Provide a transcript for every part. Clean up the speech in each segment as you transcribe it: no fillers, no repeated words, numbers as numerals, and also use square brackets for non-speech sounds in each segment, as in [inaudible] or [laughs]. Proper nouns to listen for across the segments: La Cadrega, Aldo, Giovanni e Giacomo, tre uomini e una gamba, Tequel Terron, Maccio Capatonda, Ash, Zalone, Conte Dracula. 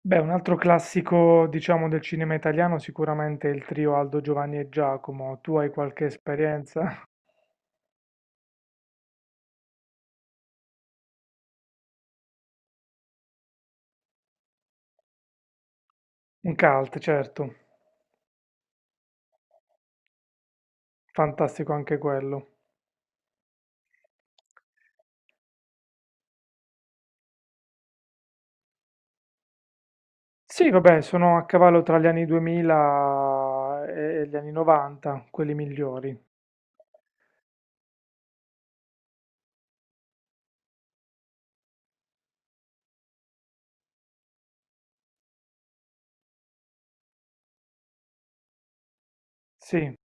Beh, un altro classico, diciamo, del cinema italiano sicuramente è il trio Aldo, Giovanni e Giacomo. Tu hai qualche esperienza? [laughs] Un cult, certo. Fantastico anche quello. Sì, vabbè, sono a cavallo tra gli anni 2000 e gli anni 90, quelli migliori. Sì,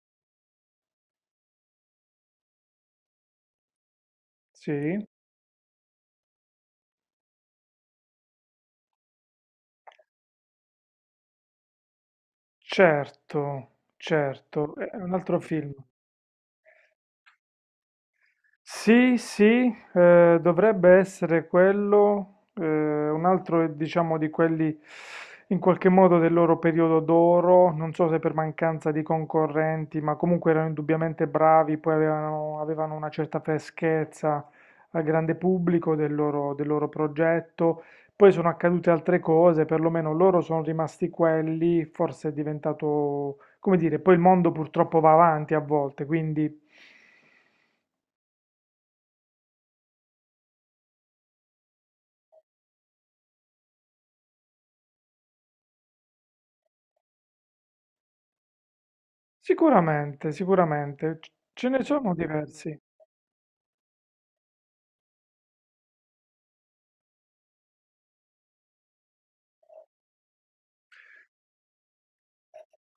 sì, certo, certo. È un altro film. Sì, sì, dovrebbe essere quello, un altro diciamo di quelli in qualche modo del loro periodo d'oro, non so se per mancanza di concorrenti, ma comunque erano indubbiamente bravi, poi avevano una certa freschezza al grande pubblico del loro progetto. Poi sono accadute altre cose, perlomeno loro sono rimasti quelli, forse è diventato, come dire, poi il mondo purtroppo va avanti a volte, quindi... Sicuramente, sicuramente, ce ne sono diversi.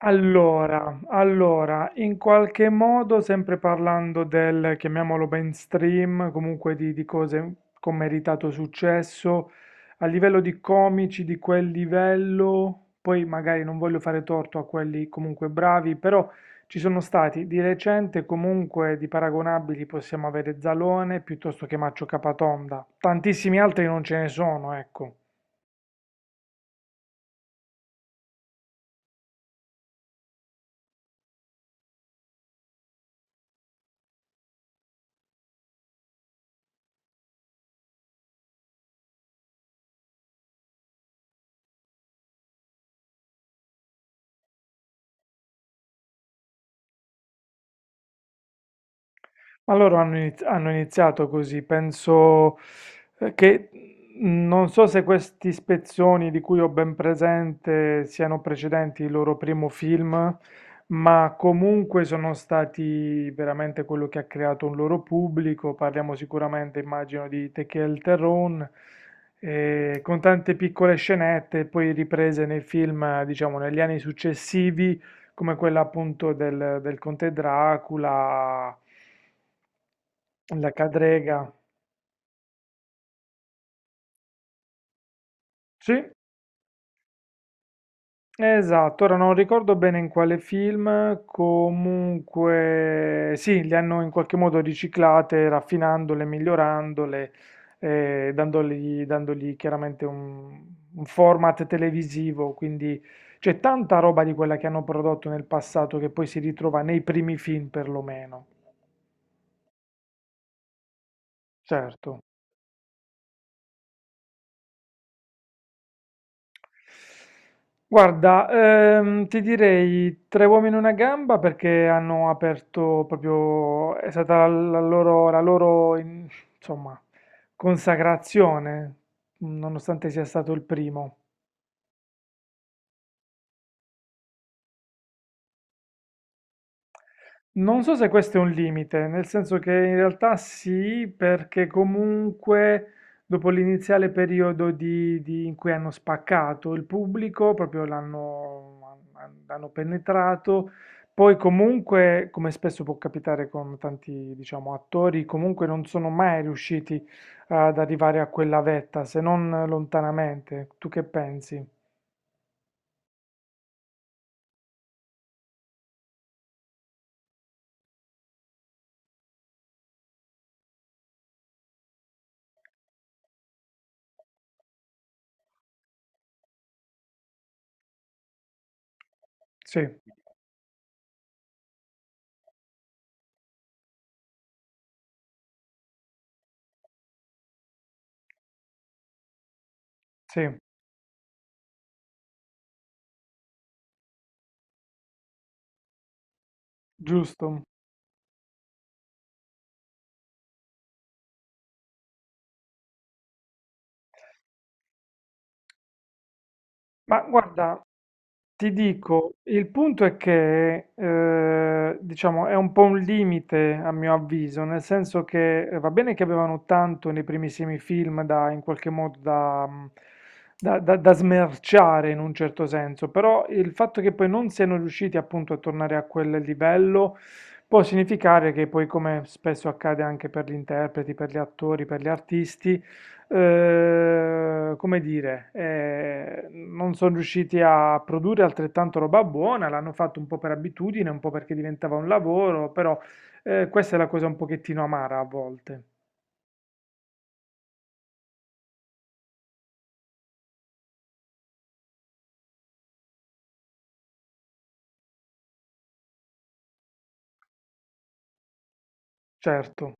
Allora, allora, in qualche modo, sempre parlando del, chiamiamolo mainstream, comunque di cose con meritato successo, a livello di comici di quel livello, poi magari non voglio fare torto a quelli comunque bravi, però ci sono stati di recente comunque di paragonabili possiamo avere Zalone piuttosto che Maccio Capatonda. Tantissimi altri non ce ne sono, ecco. Ma loro hanno iniziato così, penso che non so se questi spezzoni di cui ho ben presente siano precedenti il loro primo film, ma comunque sono stati veramente quello che ha creato un loro pubblico. Parliamo sicuramente, immagino, di Tequel Terron, con tante piccole scenette, poi riprese nei film, diciamo, negli anni successivi, come quella appunto del, del Conte Dracula. La Cadrega. Sì, esatto. Ora non ricordo bene in quale film, comunque sì, le hanno in qualche modo riciclate, raffinandole, migliorandole, dandogli, dandogli chiaramente un format televisivo. Quindi c'è tanta roba di quella che hanno prodotto nel passato che poi si ritrova nei primi film perlomeno. Certo. Guarda, ti direi tre uomini e una gamba perché hanno aperto proprio, è stata la loro, insomma, consacrazione, nonostante sia stato il primo. Non so se questo è un limite, nel senso che in realtà sì, perché comunque dopo l'iniziale periodo in cui hanno spaccato il pubblico, proprio l'hanno l'hanno penetrato, poi comunque, come spesso può capitare con tanti, diciamo, attori, comunque non sono mai riusciti ad arrivare a quella vetta, se non lontanamente. Tu che pensi? Sì, sì, giusto. Ma guarda, ti dico, il punto è che, diciamo, è un po' un limite a mio avviso, nel senso che va bene che avevano tanto nei primissimi film da, in qualche modo da, da smerciare in un certo senso, però il fatto che poi non siano riusciti appunto a tornare a quel livello può significare che poi, come spesso accade anche per gli interpreti, per gli attori, per gli artisti, non sono riusciti a produrre altrettanto roba buona, l'hanno fatto un po' per abitudine, un po' perché diventava un lavoro, però questa è la cosa un pochettino amara a volte, certo.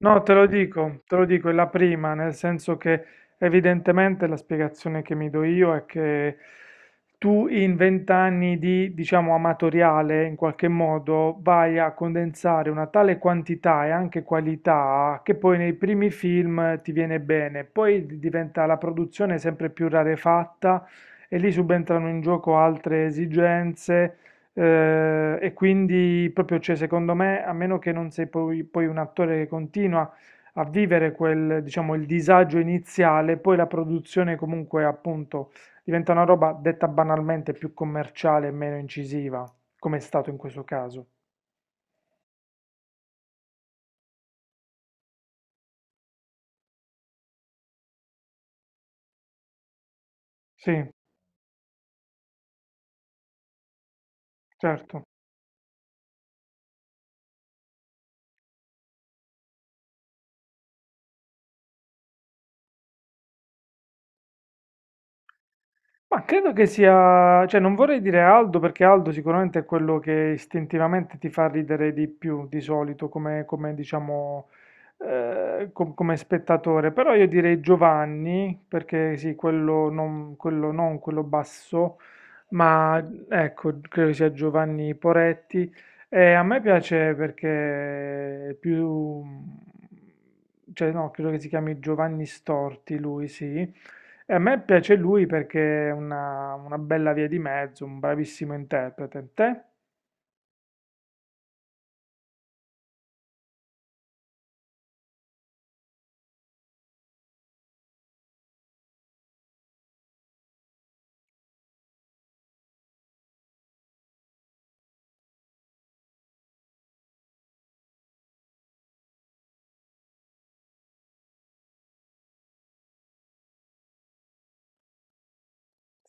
No, te lo dico, è la prima, nel senso che evidentemente la spiegazione che mi do io è che tu in vent'anni di, diciamo, amatoriale, in qualche modo, vai a condensare una tale quantità e anche qualità che poi nei primi film ti viene bene, poi diventa la produzione sempre più rarefatta e lì subentrano in gioco altre esigenze e quindi proprio, cioè, secondo me, a meno che non sei poi, poi un attore che continua a vivere quel, diciamo, il disagio iniziale, poi la produzione comunque appunto diventa una roba detta banalmente più commerciale e meno incisiva, come è stato in questo caso. Sì, certo. Ma credo che sia, cioè non vorrei dire Aldo perché Aldo sicuramente è quello che istintivamente ti fa ridere di più di solito come, come, diciamo come spettatore, però io direi Giovanni perché sì, quello non quello, non quello basso, ma ecco, credo sia Giovanni Poretti. E a me piace perché è più... cioè no, credo che si chiami Giovanni Storti, lui sì. E a me piace lui perché è una bella via di mezzo, un bravissimo interprete. Te?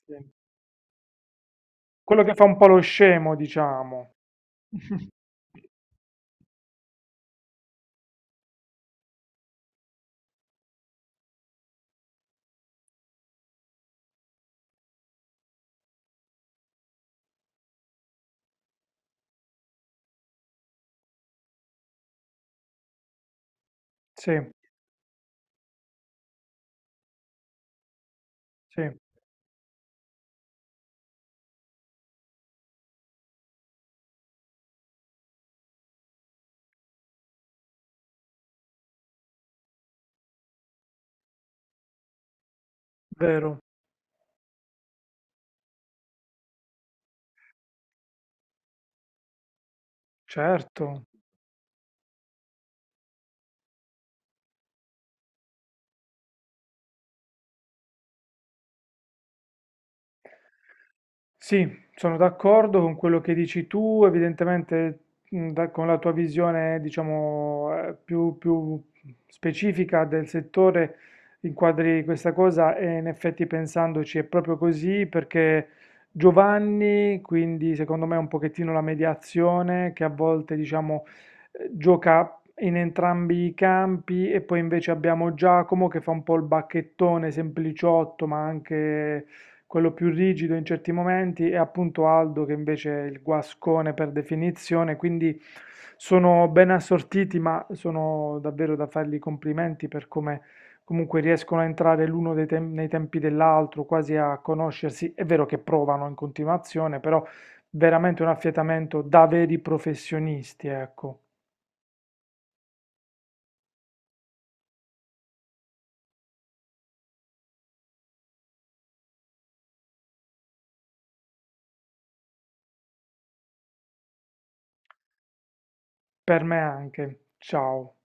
Sì. Quello che fa un po' lo scemo, diciamo. [laughs] Sì, sì, vero, certo. Sì, sono d'accordo con quello che dici tu, evidentemente con la tua visione, diciamo, più, più specifica del settore, inquadri questa cosa e in effetti pensandoci è proprio così perché Giovanni, quindi secondo me è un pochettino la mediazione che a volte, diciamo, gioca in entrambi i campi e poi invece abbiamo Giacomo che fa un po' il bacchettone sempliciotto, ma anche quello più rigido in certi momenti è appunto Aldo, che invece è il guascone per definizione, quindi sono ben assortiti, ma sono davvero da fargli i complimenti per come comunque riescono a entrare nei tempi dell'altro, quasi a conoscersi. È vero che provano in continuazione, però veramente un affiatamento da veri professionisti, ecco. Per me anche. Ciao.